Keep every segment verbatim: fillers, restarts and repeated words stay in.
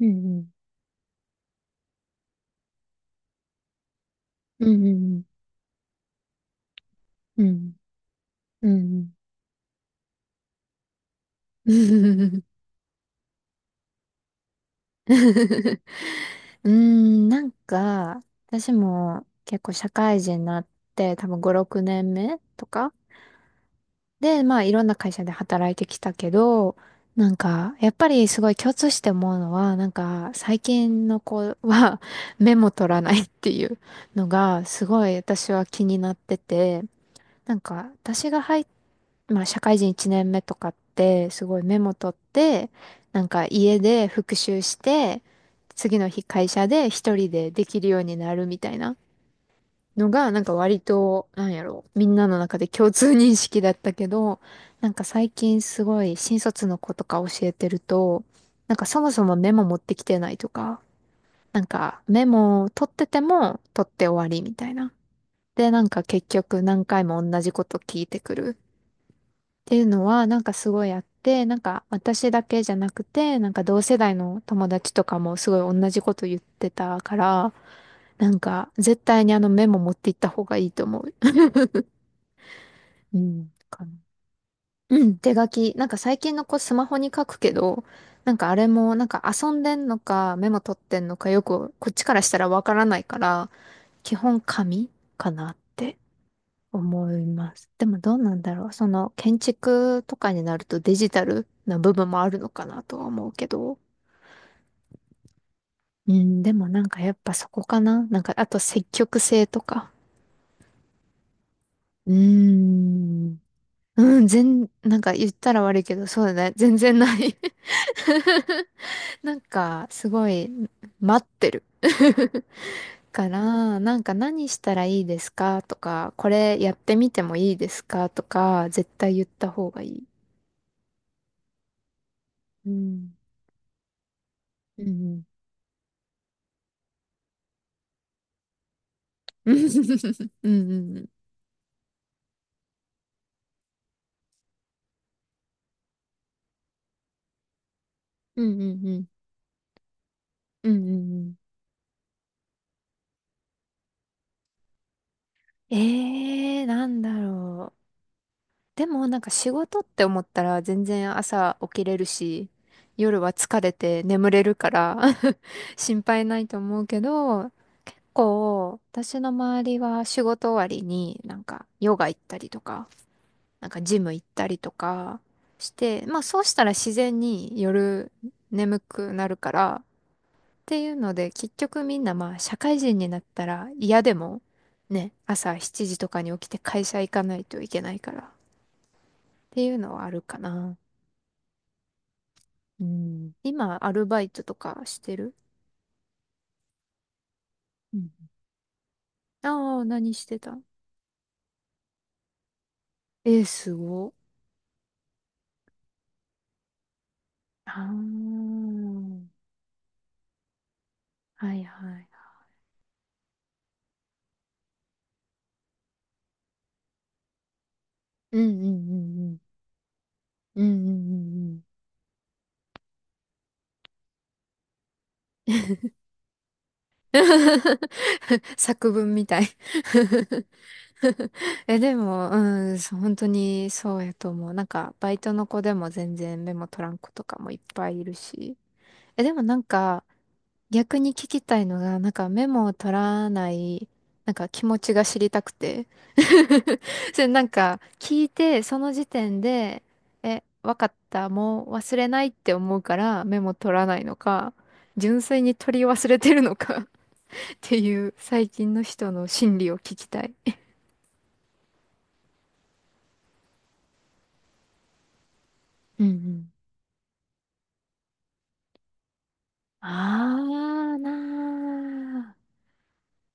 うんうん。うんうんうん。うんうん。うん、うーんなんか、私も結構社会人になって多分ご、ろくねんめとかで、まあいろんな会社で働いてきたけど、なんか、やっぱりすごい共通して思うのは、なんか、最近の子は メモ取らないっていうのが、すごい私は気になってて、なんか、私が入っ、まあ、社会人いちねんめとかって、すごいメモ取って、なんか家で復習して、次の日会社で一人でできるようになるみたいなのが、なんか割と、なんやろ、みんなの中で共通認識だったけど、なんか最近すごい新卒の子とか教えてると、なんかそもそもメモ持ってきてないとか、なんかメモを取ってても取って終わりみたいな。で、なんか結局何回も同じこと聞いてくる。ていうのは、なんかすごいあって、なんか私だけじゃなくて、なんか同世代の友達とかもすごい同じこと言ってたから、なんか絶対にあのメモ持っていった方がいいと思う。うん。かなうん、手書き。なんか最近の子スマホに書くけど、なんかあれもなんか遊んでんのかメモ取ってんのかよくこっちからしたらわからないから、基本紙かなって。思います。でもどうなんだろう。その建築とかになるとデジタルな部分もあるのかなとは思うけど。うん、でもなんかやっぱそこかな。なんかあと積極性とか。うーん。うん、全、なんか言ったら悪いけど、そうだね。全然ない なんかすごい待ってる。から、なんか何したらいいですかとか、これやってみてもいいですかとか、絶対言った方がいい。うん。うんうんうんうんうん。うんうんうん。うんうんうん。ええー、なんだろう。でもなんか仕事って思ったら全然朝起きれるし、夜は疲れて眠れるから 心配ないと思うけど、こう、私の周りは仕事終わりになんかヨガ行ったりとか、なんかジム行ったりとかして、まあそうしたら自然に夜眠くなるから、っていうので、結局みんなまあ社会人になったら嫌でもね、朝しちじとかに起きて会社行かないといけないからっていうのはあるかな。うん。今、アルバイトとかしてるうんああ何してたえー、すご。ああ、はいはい。うんうんうんうん。うんうんうんうん。作文みたい え、でも、うん、そう本当にそうやと思う。なんか、バイトの子でも全然メモ取らん子とかもいっぱいいるし。え、でもなんか、逆に聞きたいのが、なんかメモを取らない、なんか気持ちが知りたくて。それなんか、聞いて、その時点で、え、わかった、もう忘れないって思うからメモ取らないのか、純粋に取り忘れてるのか っていう、最近の人の心理を聞きたい。うんうんああな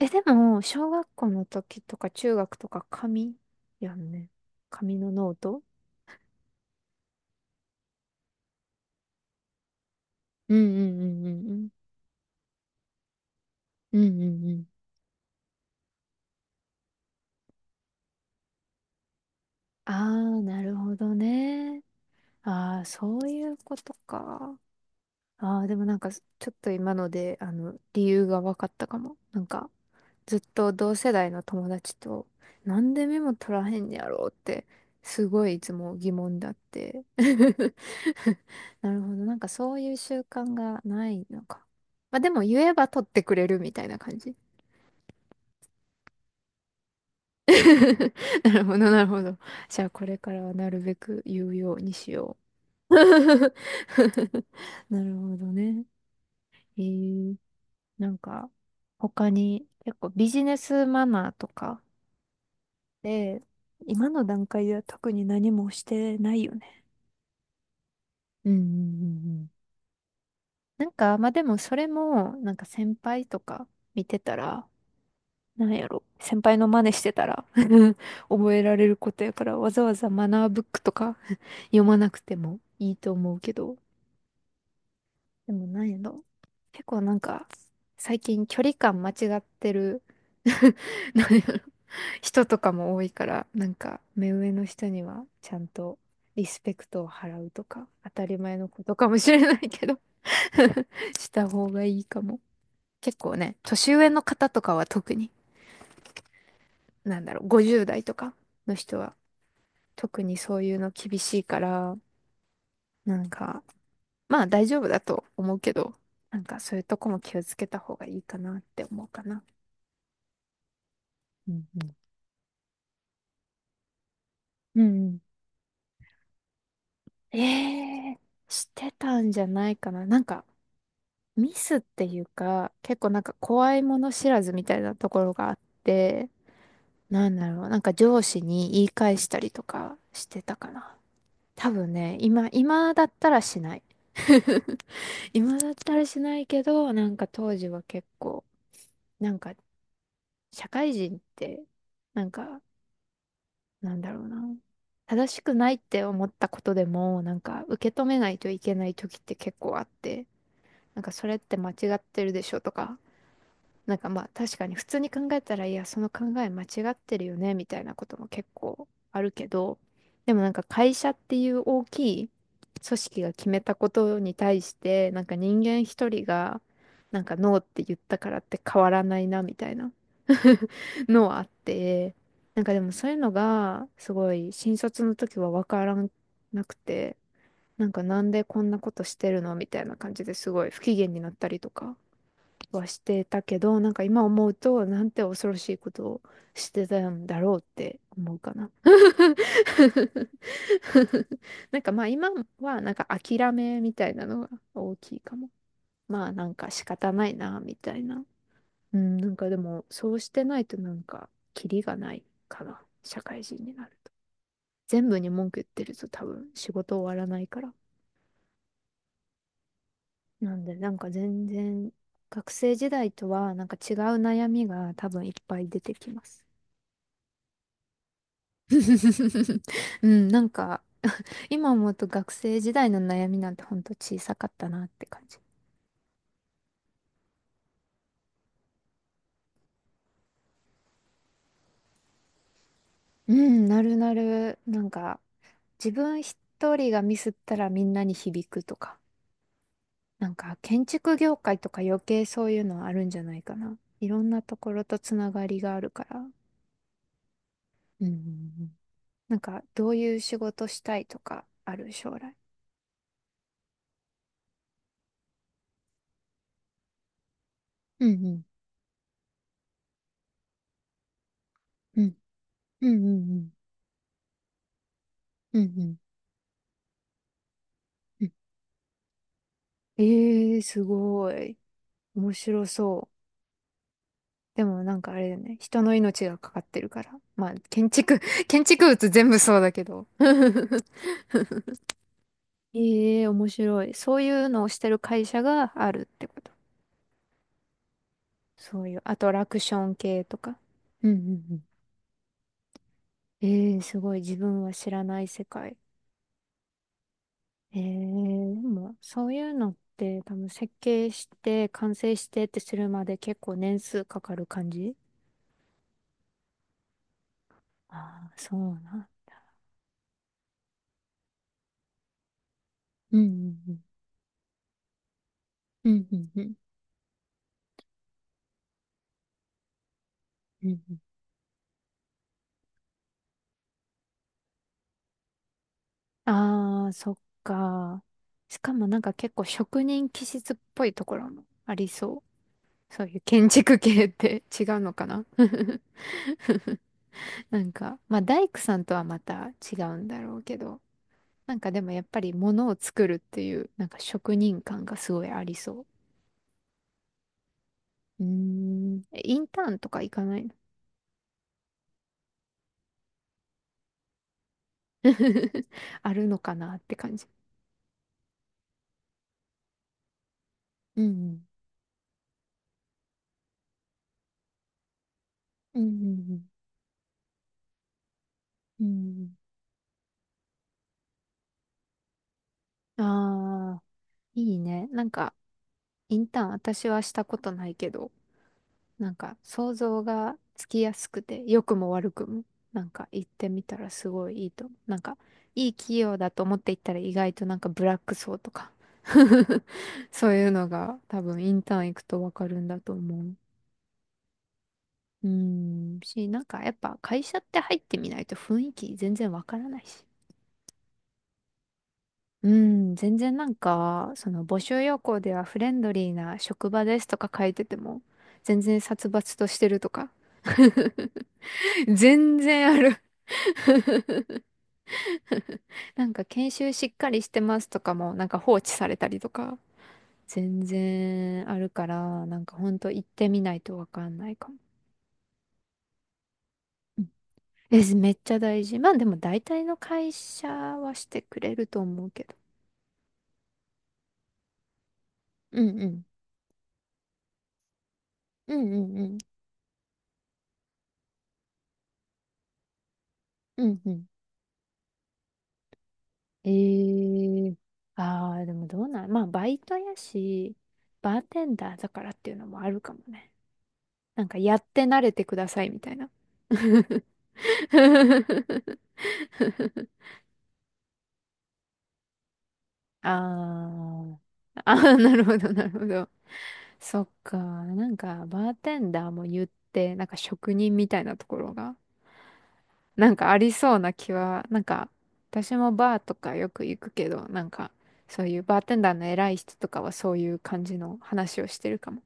ー。え、でも、小学校の時とか中学とか紙やんね。紙のノートうんうんうんうんうん。うんうんうん。ああ、なるほどね。ああ、そういうことか。ああ、でもなんか、ちょっと今ので、あの、理由が分かったかも。なんか、ずっと同世代の友達と、なんでメモ取らへんやろうって、すごいいつも疑問だって。なるほど。なんかそういう習慣がないのか。まあでも言えば取ってくれるみたいな感じ。なるほど、なるほど。じゃあこれからはなるべく言うようにしよう。なるほどね。えー、なんか他に結構ビジネスマナーとか、で、今の段階では特に何もしてないよね。うんうんうんうん。なんか、まあでもそれも、なんか先輩とか見てたら、なんやろ。先輩の真似してたら 覚えられることやから、わざわざマナーブックとか 読まなくてもいいと思うけど、でもなんやろ。結構なんか、最近距離感間違ってる なんやろ人とかも多いから、なんか、目上の人にはちゃんとリスペクトを払うとか、当たり前のことかもしれないけど した方がいいかも。結構ね、年上の方とかは特に、なんだろう、ごじゅう代とかの人は特にそういうの厳しいから、なんか、まあ大丈夫だと思うけど、なんかそういうとこも気をつけた方がいいかなって思うかな。うんうん。うんうんええしてたんじゃないかな。なんかミスっていうか、結構なんか怖いもの知らずみたいなところがあって、なんだろう、なんか上司に言い返したりとかしてたかな。多分ね、今、今だったらしない。今だったらしないけど、なんか当時は結構、なんか社会人って、なんかなんだろうな。正しくないって思ったことでも、なんか受け止めないといけない時って結構あって、なんかそれって間違ってるでしょとか、なんかまあ確かに普通に考えたら、いや、その考え間違ってるよね、みたいなことも結構あるけど、でもなんか会社っていう大きい組織が決めたことに対して、なんか人間一人が、なんかノーって言ったからって変わらないな、みたいな のはあって、なんかでもそういうのが、すごい新卒の時はわからなくて、なんかなんでこんなことしてるのみたいな感じですごい不機嫌になったりとか。はしてたけど、なんか今思うと、なんて恐ろしいことをしてたんだろうって思うかな。なんかまあ今はなんか諦めみたいなのが大きいかも。まあなんか仕方ないな、みたいな。うん、なんかでもそうしてないとなんかキリがないかな。社会人になると。全部に文句言ってると多分仕事終わらないから。なんでなんか全然学生時代とはなんか違う悩みが多分いっぱい出てきます。うん、なんか、今思うと学生時代の悩みなんてほんと小さかったなって感じ。うん、なるなる。なんか、自分一人がミスったらみんなに響くとか。なんか、建築業界とか余計そういうのはあるんじゃないかな。いろんなところとつながりがあるから。うん。なんか、どういう仕事したいとかある将来。うんうん。うん。うんうんうん。うんうんうん。ええー、すごい。面白そう。でもなんかあれだよね。人の命がかかってるから。まあ、建築、建築物全部そうだけど。ええ面白い。そういうのをしてる会社があるってこと。そういうアトラクション系とか。うんうんうん。ええすごい。自分は知らない世界。ええでも、そういうのって多分設計して、完成してってするまで結構年数かかる感じああー、そうな。うんうんうん。うんうんうん。うんうんああ、そっか。しかもなんか結構職人気質っぽいところもありそう。そういう建築系って違うのかな なんか、まあ大工さんとはまた違うんだろうけど、なんかでもやっぱり物を作るっていう、なんか職人感がすごいありそう。うーん、えインターンとか行かないの あるのかなって感じ。うんうん。うんうんうん。うん。ああ、いいね。なんか、インターン私はしたことないけど、なんか想像がつきやすくて、良くも悪くも、なんか行ってみたらすごいいいと思う。なんかいい企業だと思って行ったら意外となんかブラック層とか そういうのが多分インターン行くとわかるんだと思う。うーん、し、なんかやっぱ会社って入ってみないと雰囲気全然わからないし。うん、全然なんか、その募集要項ではフレンドリーな職場ですとか書いてても、全然殺伐としてるとか、全然あるなんか研修しっかりしてますとかもなんか放置されたりとか全然あるからなんかほんと行ってみないとわかんないかも。うんえ、めっちゃ大事。まあでも大体の会社はしてくれると思うけど。うんうん。うんうんうん。うんうん。ええああー、でもどうなん、まあバイトやし、バーテンダーだからっていうのもあるかもね。なんかやって慣れてくださいみたいな。ああ、ああ、なるほど、なるほど。そっか、なんか、バーテンダーも言って、なんか職人みたいなところが、なんかありそうな気は、なんか、私もバーとかよく行くけど、なんか、そういうバーテンダーの偉い人とかはそういう感じの話をしてるかも。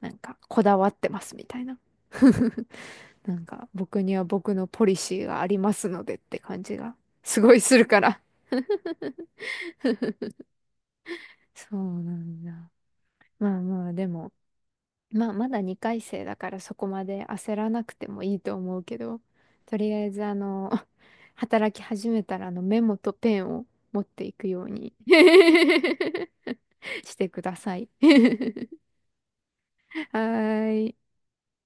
なんか、こだわってますみたいな。なんか、僕には僕のポリシーがありますのでって感じが、すごいするから。そうなんだ。まあまあ、でも、まあ、まだにかい生だからそこまで焦らなくてもいいと思うけど、とりあえずあの、働き始めたらあのメモとペンを持っていくように してください。はーい。